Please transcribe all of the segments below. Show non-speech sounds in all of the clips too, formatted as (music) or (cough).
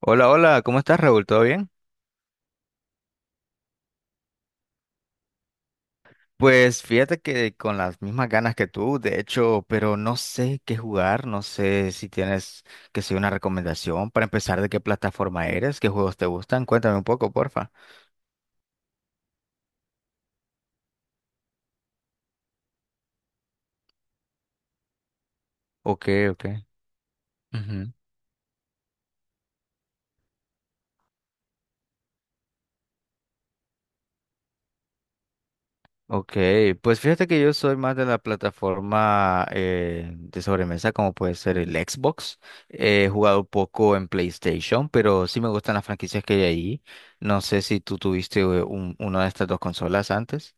Hola, hola, ¿cómo estás, Raúl? ¿Todo bien? Pues fíjate que con las mismas ganas que tú, de hecho, pero no sé qué jugar, no sé si tienes que ser una recomendación para empezar, de qué plataforma eres, qué juegos te gustan, cuéntame un poco, porfa. Ok, ok. Ujú. Ok, pues fíjate que yo soy más de la plataforma de sobremesa, como puede ser el Xbox. He jugado poco en PlayStation, pero sí me gustan las franquicias que hay ahí. No sé si tú tuviste una de estas dos consolas antes.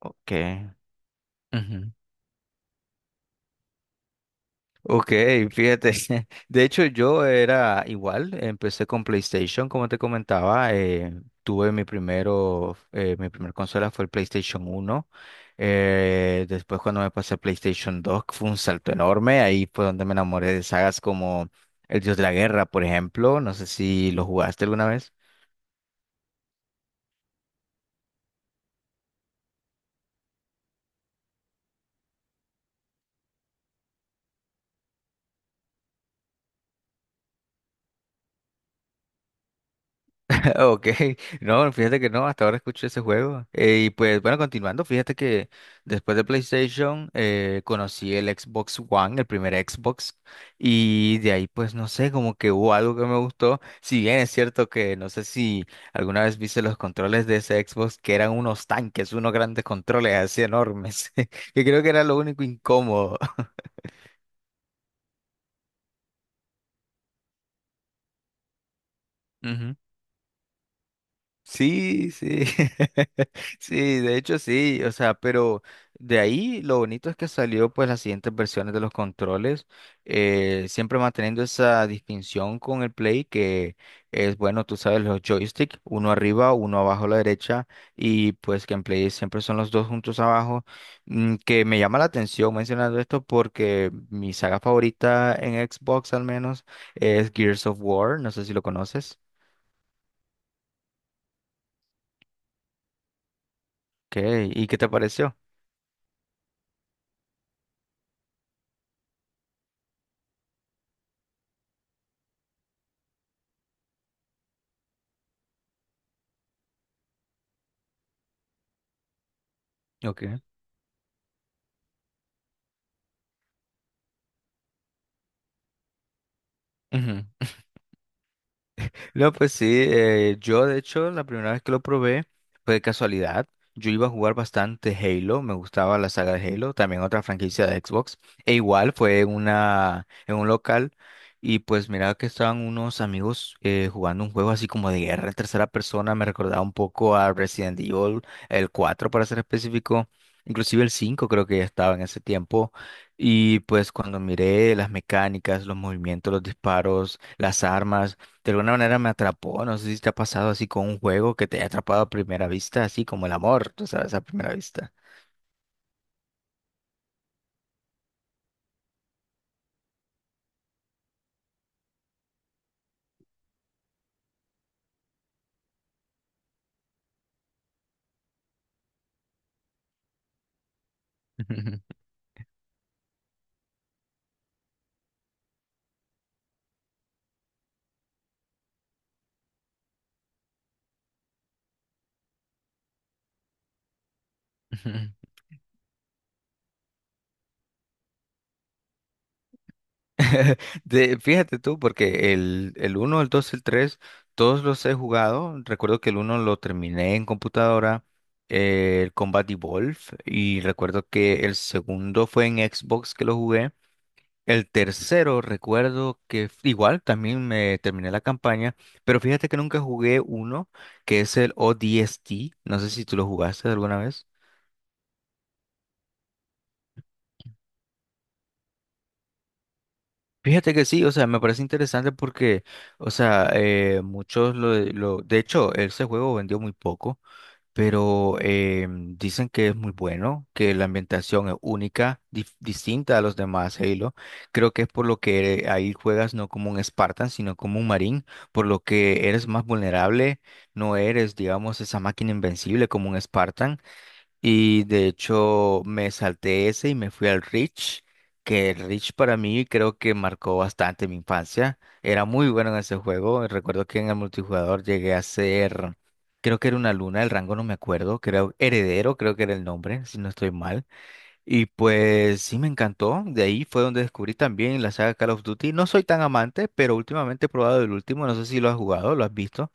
Ok. Ujú. Ok, fíjate. (laughs) De hecho, yo era igual. Empecé con PlayStation, como te comentaba. Tuve mi primer consola fue el PlayStation uno. Después, cuando me pasé a PlayStation dos, fue un salto enorme. Ahí fue donde me enamoré de sagas como El Dios de la Guerra, por ejemplo. No sé si lo jugaste alguna vez. Ok, (laughs) no, fíjate que no, hasta ahora escucho ese juego. Y pues bueno, continuando, fíjate que después de PlayStation conocí el Xbox One, el primer Xbox, y de ahí pues no sé, como que hubo algo que me gustó. Si bien es cierto que no sé si alguna vez viste los controles de ese Xbox, que eran unos tanques, unos grandes controles así enormes, (laughs) que creo que era lo único incómodo. (laughs) Sí, sí, (laughs) sí, de hecho sí, o sea, pero de ahí lo bonito es que salió pues las siguientes versiones de los controles, siempre manteniendo esa distinción con el Play, que es, bueno, tú sabes, los joysticks, uno arriba, uno abajo a la derecha, y pues que en Play siempre son los dos juntos abajo, que me llama la atención mencionando esto porque mi saga favorita en Xbox, al menos, es Gears of War. No sé si lo conoces. ¿Qué? ¿Y qué te pareció? Ok. Ujú. No, pues sí, yo de hecho la primera vez que lo probé fue de casualidad. Yo iba a jugar bastante Halo, me gustaba la saga de Halo, también otra franquicia de Xbox. E igual fue en un local, y pues miraba que estaban unos amigos jugando un juego así como de guerra en tercera persona, me recordaba un poco a Resident Evil, el 4 para ser específico, inclusive el 5 creo que ya estaba en ese tiempo. Y pues cuando miré las mecánicas, los movimientos, los disparos, las armas, de alguna manera me atrapó. No sé si te ha pasado así con un juego que te haya atrapado a primera vista, así como el amor, tú sabes, a primera vista. (laughs) Fíjate tú, porque el uno, el dos, el tres, todos los he jugado. Recuerdo que el uno lo terminé en computadora, el Combat Evolve, y recuerdo que el segundo fue en Xbox que lo jugué. El tercero, recuerdo que igual también me terminé la campaña, pero fíjate que nunca jugué uno, que es el O10T. No sé si tú lo jugaste alguna vez. Fíjate que sí, o sea, me parece interesante porque, o sea, muchos De hecho, ese juego vendió muy poco. Pero dicen que es muy bueno, que la ambientación es única, distinta a los demás Halo. Creo que es por lo que ahí juegas no como un Spartan, sino como un marín, por lo que eres más vulnerable, no eres, digamos, esa máquina invencible como un Spartan. Y de hecho me salté ese y me fui al Rich, que el Rich para mí creo que marcó bastante mi infancia. Era muy bueno en ese juego. Recuerdo que en el multijugador llegué a ser, creo que era una luna, el rango no me acuerdo, creo heredero, creo que era el nombre, si no estoy mal. Y pues sí, me encantó. De ahí fue donde descubrí también la saga Call of Duty. No soy tan amante, pero últimamente he probado el último, no sé si lo has jugado, lo has visto.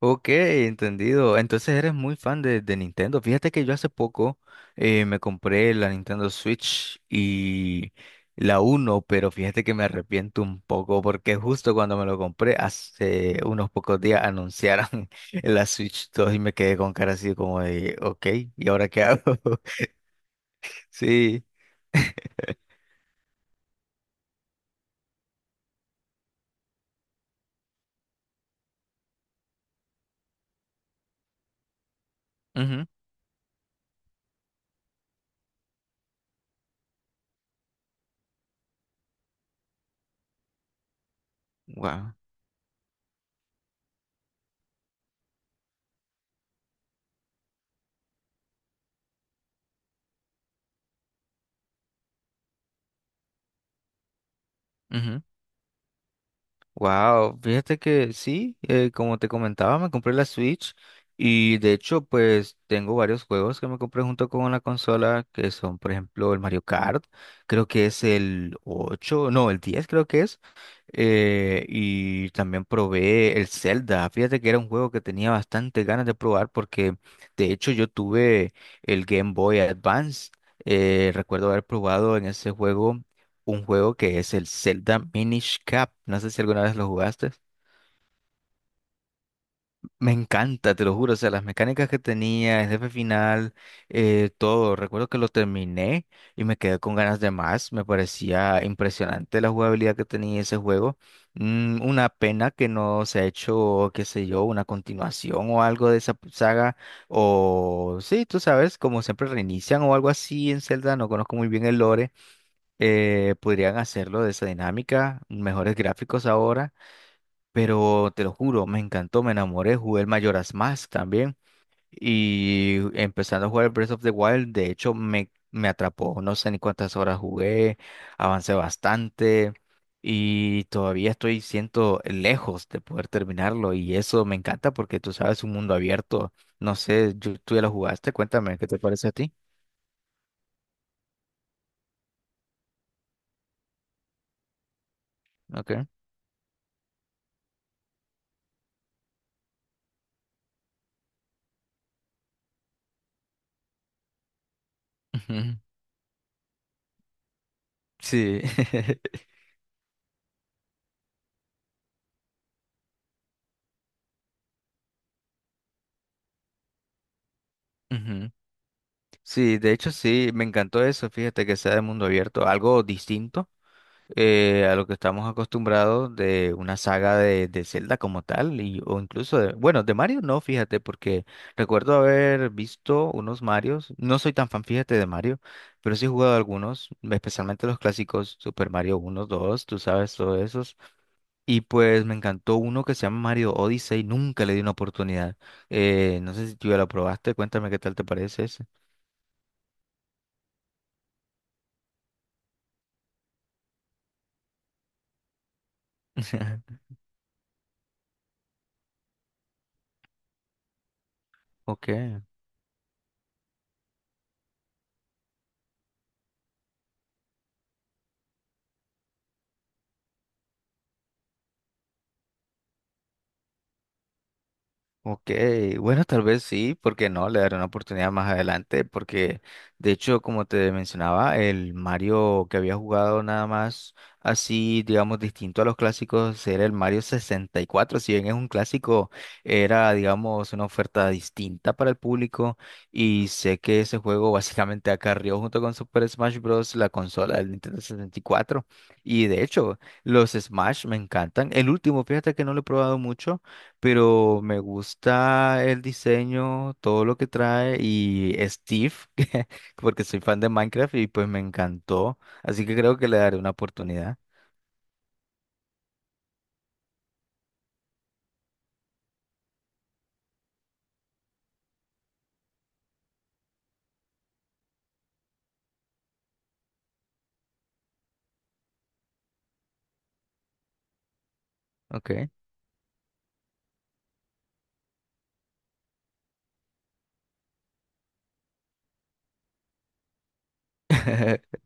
Ok, entendido. Entonces eres muy fan de, Nintendo. Fíjate que yo hace poco me compré la Nintendo Switch y la 1, pero fíjate que me arrepiento un poco porque justo cuando me lo compré, hace unos pocos días anunciaron (laughs) la Switch 2 y me quedé con cara así como de, ok, ¿y ahora qué hago? (laughs) Sí. Wow. Wow, fíjate que sí, como te comentaba, me compré la Switch, y de hecho pues tengo varios juegos que me compré junto con la consola que son, por ejemplo, el Mario Kart, creo que es el 8, no, el 10, creo que es, y también probé el Zelda, fíjate que era un juego que tenía bastante ganas de probar porque de hecho yo tuve el Game Boy Advance, recuerdo haber probado en ese juego un juego que es el Zelda Minish Cap. No sé si alguna vez lo jugaste. Me encanta, te lo juro. O sea, las mecánicas que tenía, el jefe final, todo. Recuerdo que lo terminé y me quedé con ganas de más. Me parecía impresionante la jugabilidad que tenía ese juego. Una pena que no se ha hecho, qué sé yo, una continuación o algo de esa saga. O sí, tú sabes, como siempre reinician o algo así en Zelda. No conozco muy bien el lore, podrían hacerlo de esa dinámica, mejores gráficos ahora, pero te lo juro, me encantó, me enamoré, jugué el Majora's Mask también, y empezando a jugar el Breath of the Wild, de hecho me, atrapó, no sé ni cuántas horas jugué, avancé bastante, y todavía estoy siento lejos de poder terminarlo, y eso me encanta porque tú sabes, un mundo abierto, no sé, tú ya lo jugaste, cuéntame, ¿qué te parece a ti? ¿Ok? Ujú. Sí. (laughs) Ujú. Sí, de hecho sí, me encantó eso, fíjate que sea de mundo abierto, algo distinto, a lo que estamos acostumbrados de una saga de Zelda como tal, o incluso de, bueno, de Mario no, fíjate, porque recuerdo haber visto unos Marios, no soy tan fan, fíjate, de Mario, pero sí he jugado algunos, especialmente los clásicos Super Mario uno, 2, tú sabes, todos esos, y pues me encantó uno que se llama Mario Odyssey, nunca le di una oportunidad, no sé si tú ya lo probaste, cuéntame qué tal te parece ese. (laughs) Ok, ok. Bueno, tal vez sí, porque no, le daré una oportunidad más adelante, porque de hecho, como te mencionaba, el Mario que había jugado, nada más así, digamos, distinto a los clásicos, era el Mario 64. Si bien es un clásico, era, digamos, una oferta distinta para el público. Y sé que ese juego básicamente acarrió junto con Super Smash Bros. La consola del Nintendo 64. Y de hecho, los Smash me encantan. El último, fíjate que no lo he probado mucho, pero me gusta el diseño, todo lo que trae, y Steve, (laughs) porque soy fan de Minecraft, y pues me encantó, así que creo que le daré una oportunidad. Ok. (laughs)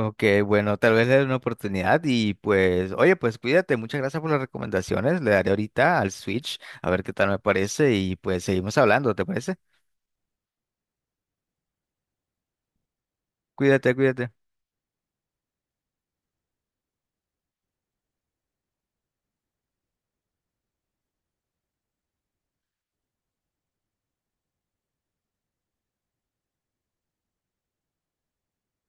Ok, bueno, tal vez le dé una oportunidad y pues, oye, pues cuídate, muchas gracias por las recomendaciones, le daré ahorita al Switch a ver qué tal me parece, y pues seguimos hablando, ¿te parece? Cuídate, cuídate.